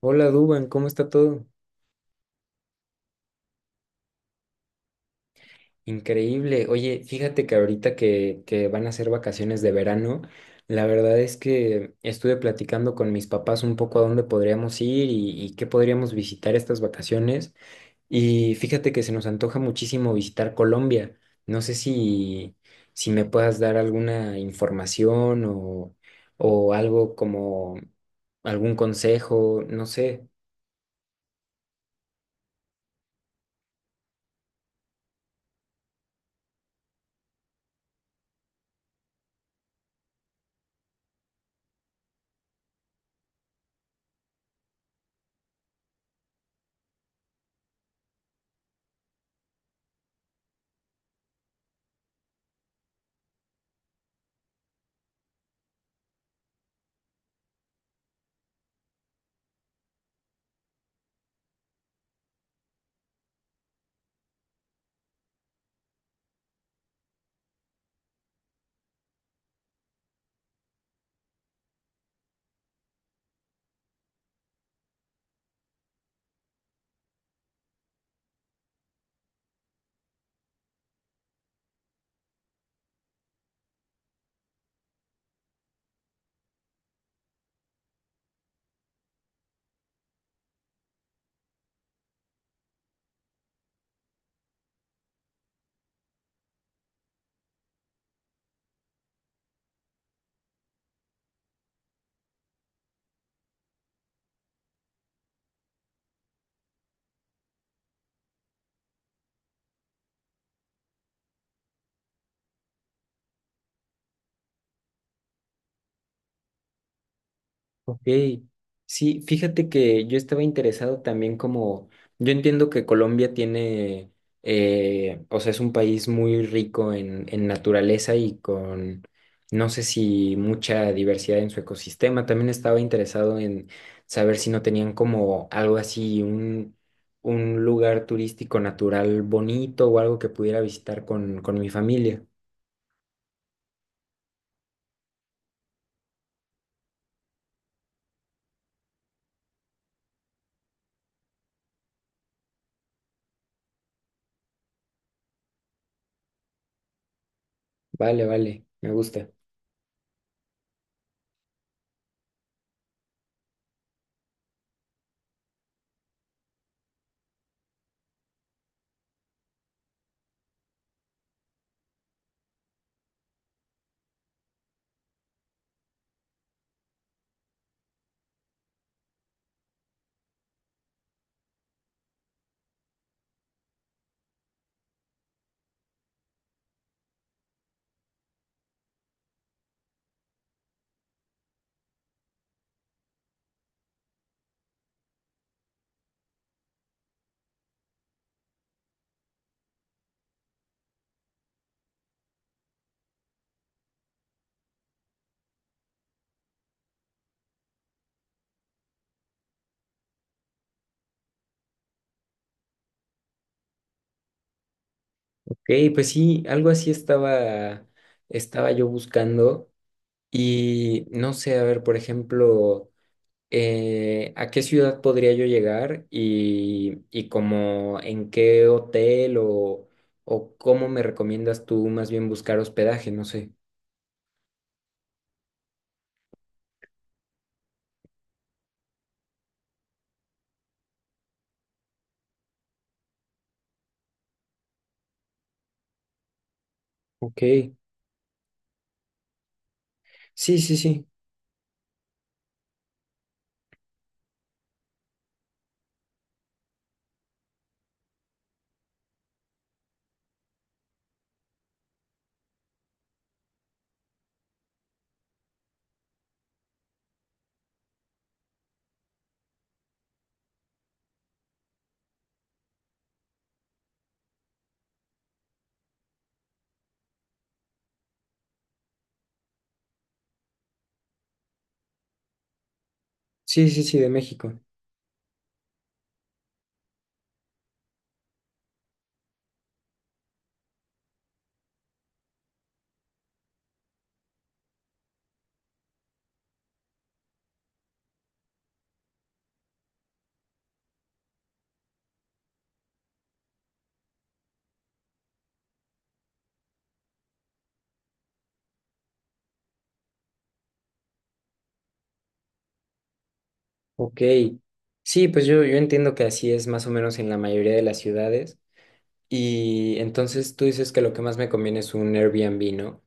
Hola Duban, ¿cómo está todo? Increíble. Oye, fíjate que ahorita que van a ser vacaciones de verano, la verdad es que estuve platicando con mis papás un poco a dónde podríamos ir y qué podríamos visitar estas vacaciones. Y fíjate que se nos antoja muchísimo visitar Colombia. No sé si, si me puedas dar alguna información o algo como algún consejo, no sé. Ok, sí, fíjate que yo estaba interesado también como, yo entiendo que Colombia tiene, o sea, es un país muy rico en naturaleza y con, no sé si mucha diversidad en su ecosistema. También estaba interesado en saber si no tenían como algo así, un lugar turístico natural bonito o algo que pudiera visitar con mi familia. Vale, vale, me gusta. Ey, pues sí, estaba yo buscando y no sé, a ver, por ejemplo, ¿a qué ciudad podría yo llegar y como en qué hotel o cómo me recomiendas tú más bien buscar hospedaje? No sé. Ok, sí, sí, sí, sí, sí, sí, de México. Ok, sí, pues yo entiendo que así es más o menos en la mayoría de las ciudades y entonces tú dices que lo que más me conviene es un Airbnb, ¿no?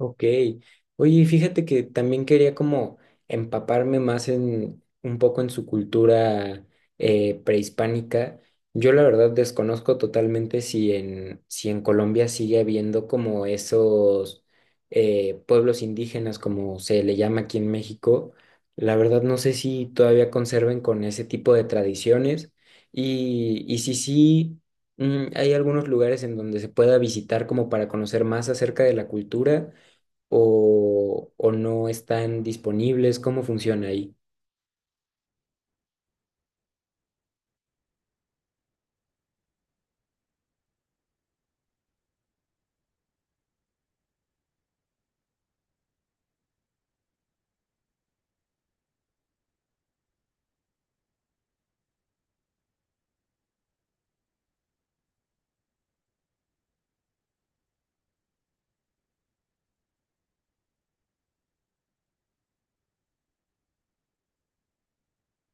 Ok. Oye, fíjate que también quería como empaparme más en un poco en su cultura prehispánica. Yo la verdad desconozco totalmente si en Colombia sigue habiendo como esos pueblos indígenas, como se le llama aquí en México. La verdad no sé si todavía conserven con ese tipo de tradiciones y si sí, hay algunos lugares en donde se pueda visitar como para conocer más acerca de la cultura ¿o no están disponibles? ¿Cómo funciona ahí?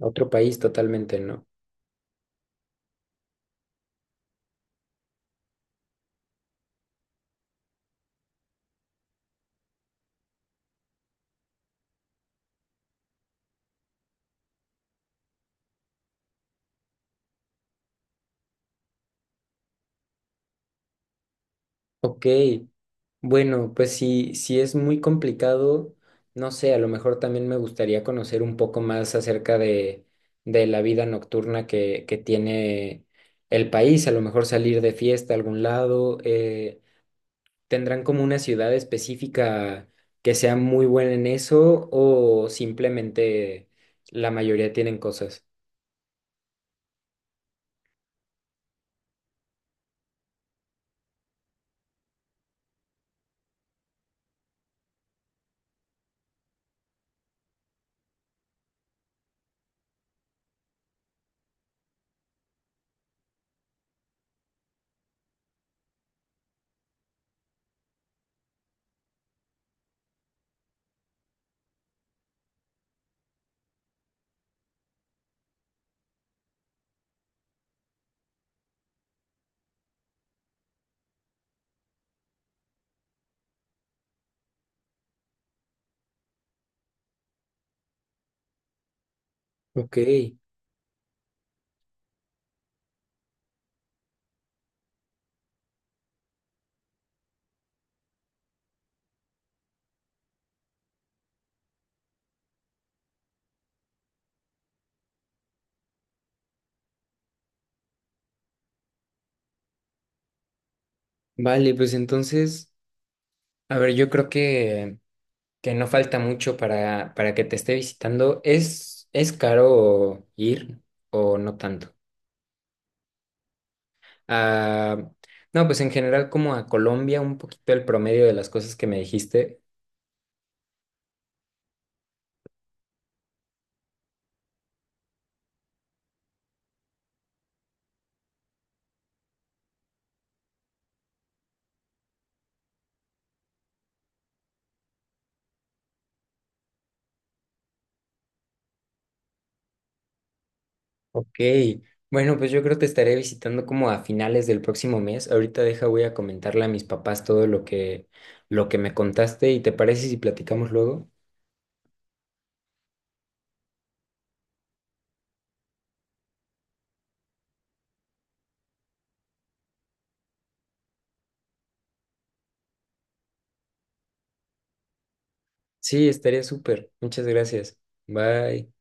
Otro país totalmente no. Ok, bueno, pues si es muy complicado, no sé, a lo mejor también me gustaría conocer un poco más acerca de la vida nocturna que tiene el país, a lo mejor salir de fiesta a algún lado, ¿tendrán como una ciudad específica que sea muy buena en eso o simplemente la mayoría tienen cosas? Ok. Vale, pues entonces, a ver, yo creo que no falta mucho para que te esté visitando. Es caro ir o no tanto? Ah, no, pues en general como a Colombia, un poquito el promedio de las cosas que me dijiste. Ok, bueno, pues yo creo que te estaré visitando como a finales del próximo mes. Ahorita deja, voy a comentarle a mis papás todo lo lo que me contaste y ¿te parece si platicamos luego? Sí, estaría súper. Muchas gracias. Bye.